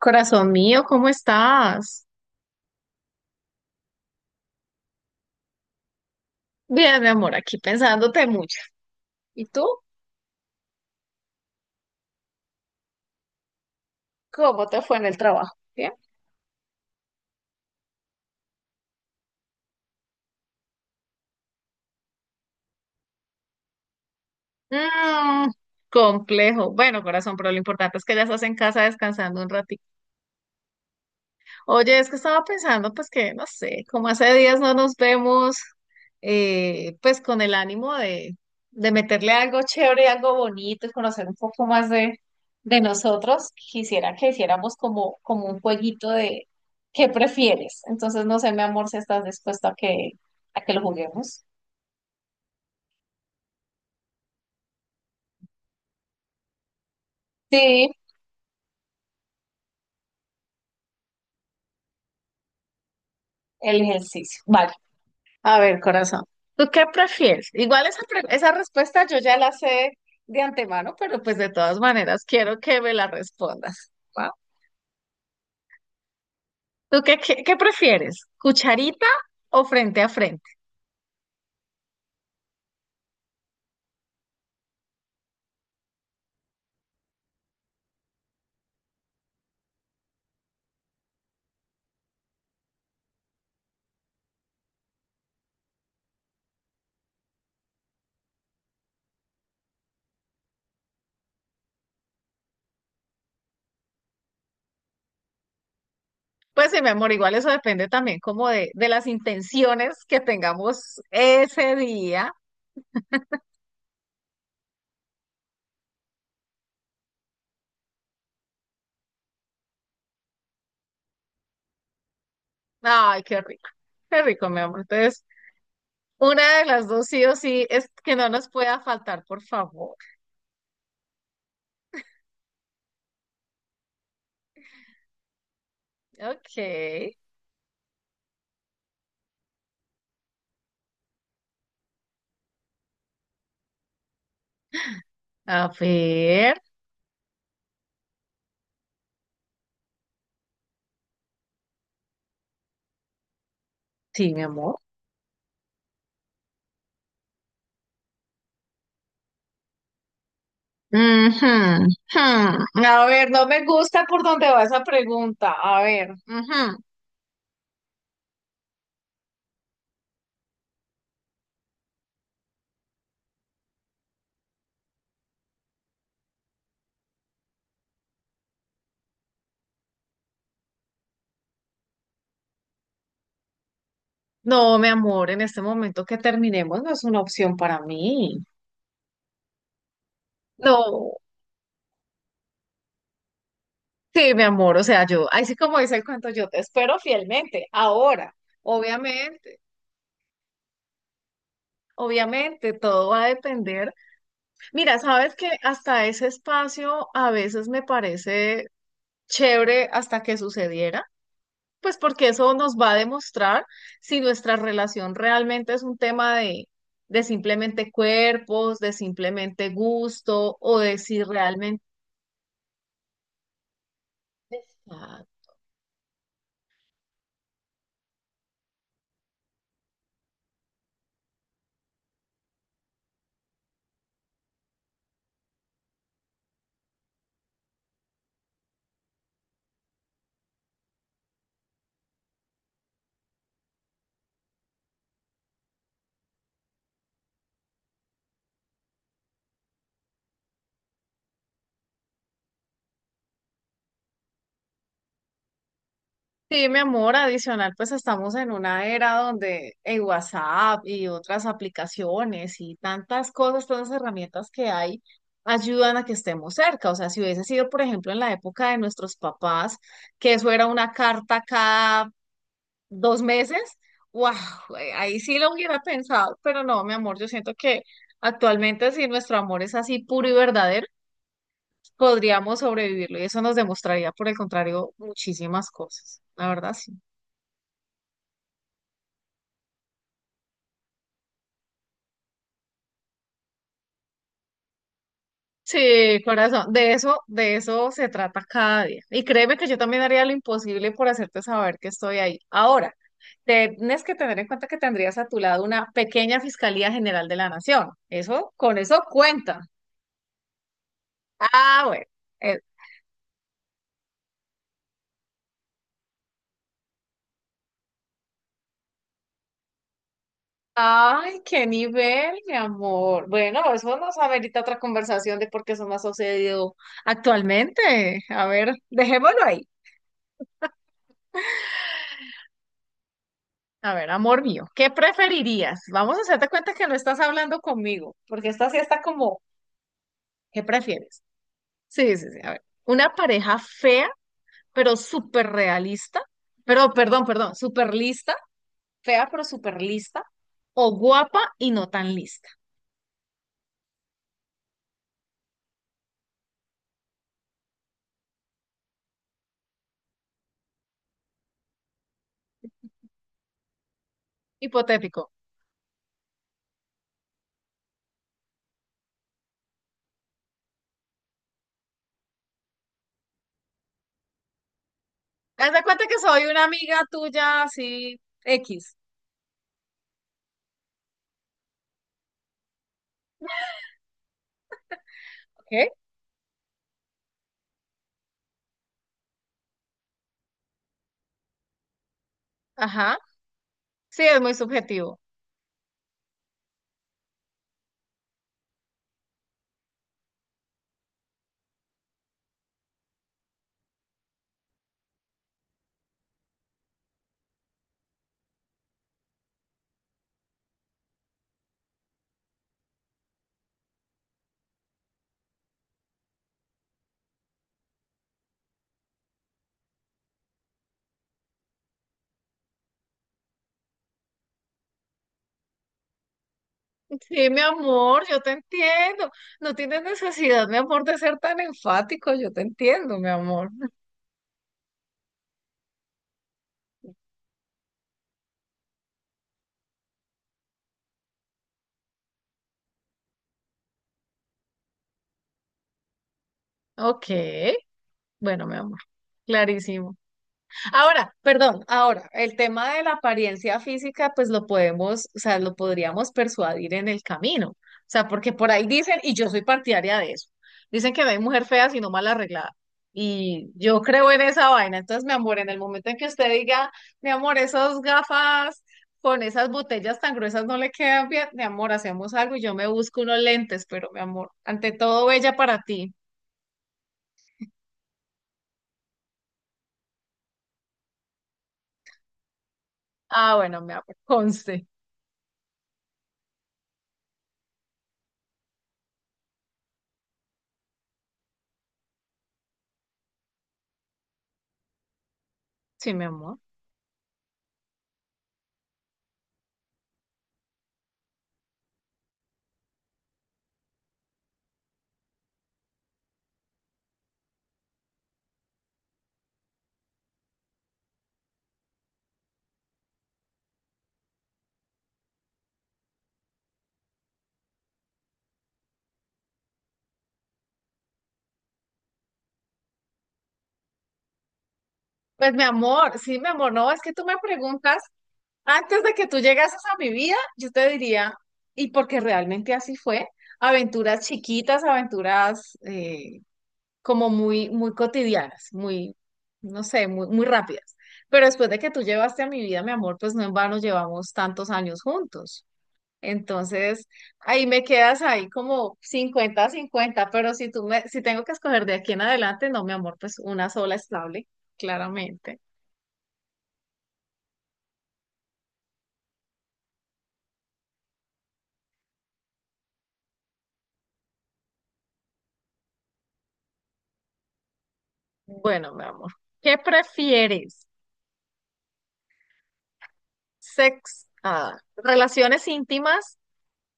Corazón mío, ¿cómo estás? Bien, mi amor, aquí pensándote mucho. ¿Y tú? ¿Cómo te fue en el trabajo? Bien. Mm, complejo. Bueno, corazón, pero lo importante es que ya estás en casa descansando un ratito. Oye, es que estaba pensando, pues que, no sé, como hace días no nos vemos, pues con el ánimo de meterle algo chévere, algo bonito y conocer un poco más de nosotros, quisiera que hiciéramos como un jueguito de ¿qué prefieres? Entonces, no sé, mi amor, si estás dispuesto a que lo juguemos. Sí, el ejercicio. Vale, a ver, corazón, ¿tú qué prefieres? Igual esa respuesta yo ya la sé de antemano, pero pues de todas maneras quiero que me la respondas. ¿Va? ¿Tú qué prefieres? ¿Cucharita o frente a frente? Pues sí, mi amor, igual eso depende también de las intenciones que tengamos ese día. Ay, qué rico, mi amor. Entonces, una de las dos sí o sí es que no nos pueda faltar, por favor. Ok, a ver. Sí, mi amor. Ujú, ujú. A ver, no me gusta por dónde va esa pregunta. A ver, ujú. No, mi amor, en este momento que terminemos no es una opción para mí. No, sí, mi amor, o sea, yo, ahí sí como dice el cuento, yo te espero fielmente. Ahora, obviamente, obviamente, todo va a depender. Mira, sabes que hasta ese espacio a veces me parece chévere hasta que sucediera. Pues porque eso nos va a demostrar si nuestra relación realmente es un tema de simplemente cuerpos, de simplemente gusto o de si realmente... Ah, sí, mi amor, adicional, pues estamos en una era donde el WhatsApp y otras aplicaciones y tantas cosas, tantas herramientas que hay ayudan a que estemos cerca. O sea, si hubiese sido, por ejemplo, en la época de nuestros papás, que eso era una carta cada 2 meses, wow, ahí sí lo hubiera pensado, pero no, mi amor, yo siento que actualmente si nuestro amor es así puro y verdadero, podríamos sobrevivirlo y eso nos demostraría, por el contrario, muchísimas cosas, la verdad sí. Sí, corazón, de eso se trata cada día. Y créeme que yo también haría lo imposible por hacerte saber que estoy ahí. Ahora, tienes que tener en cuenta que tendrías a tu lado una pequeña Fiscalía General de la Nación. Eso, con eso cuenta. Ah, bueno. Ay, qué nivel, mi amor. Bueno, eso nos amerita otra conversación de por qué eso no ha sucedido actualmente. A ver, dejémoslo ahí. A ver, amor mío, ¿qué preferirías? Vamos a hacerte cuenta que no estás hablando conmigo, porque esta sí está como, ¿qué prefieres? Sí, sí, sí. A ver, una pareja fea, pero súper realista, pero perdón, perdón, súper lista, fea, pero súper lista, o guapa y no tan lista. Hipotético. Haz de cuenta que soy una amiga tuya así, X, ¿ok? Ajá. Sí, es muy subjetivo. Sí, mi amor, yo te entiendo. No tienes necesidad, mi amor, de ser tan enfático. Yo te entiendo, mi amor. Ok. Bueno, mi amor, clarísimo. Ahora, perdón, ahora, el tema de la apariencia física, pues lo podemos, o sea, lo podríamos persuadir en el camino. O sea, porque por ahí dicen, y yo soy partidaria de eso, dicen que no hay mujer fea sino mal arreglada. Y yo creo en esa vaina. Entonces, mi amor, en el momento en que usted diga, mi amor, esas gafas con esas botellas tan gruesas no le quedan bien, mi amor, hacemos algo y yo me busco unos lentes, pero mi amor, ante todo, bella para ti. Ah, bueno, mi amor, conste. Sí, mi amor. Pues mi amor, sí, mi amor, no, es que tú me preguntas, antes de que tú llegases a mi vida, yo te diría, y porque realmente así fue, aventuras chiquitas, aventuras como muy, muy cotidianas, muy, no sé, muy, muy rápidas. Pero después de que tú llevaste a mi vida, mi amor, pues no en vano llevamos tantos años juntos. Entonces, ahí me quedas ahí como cincuenta cincuenta, pero si tú me, si tengo que escoger de aquí en adelante, no, mi amor, pues una sola estable, claramente. Bueno, mi amor, ¿qué prefieres? Relaciones íntimas,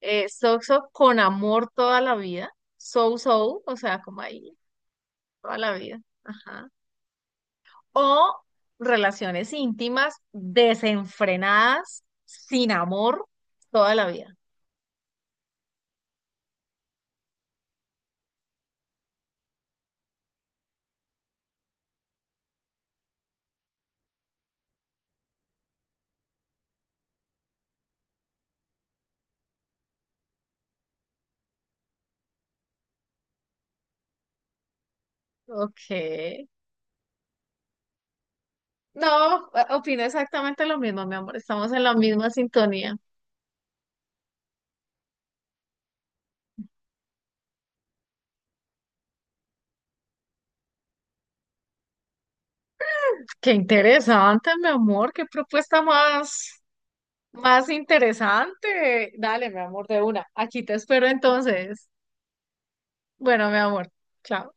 sexo con amor toda la vida, o sea, como ahí, toda la vida, ajá. O relaciones íntimas desenfrenadas, sin amor, toda la vida. Ok. No, opino exactamente lo mismo, mi amor. Estamos en la misma sintonía. Qué interesante, mi amor. Qué propuesta más. Más interesante. Dale, mi amor, de una. Aquí te espero entonces. Bueno, mi amor, chao.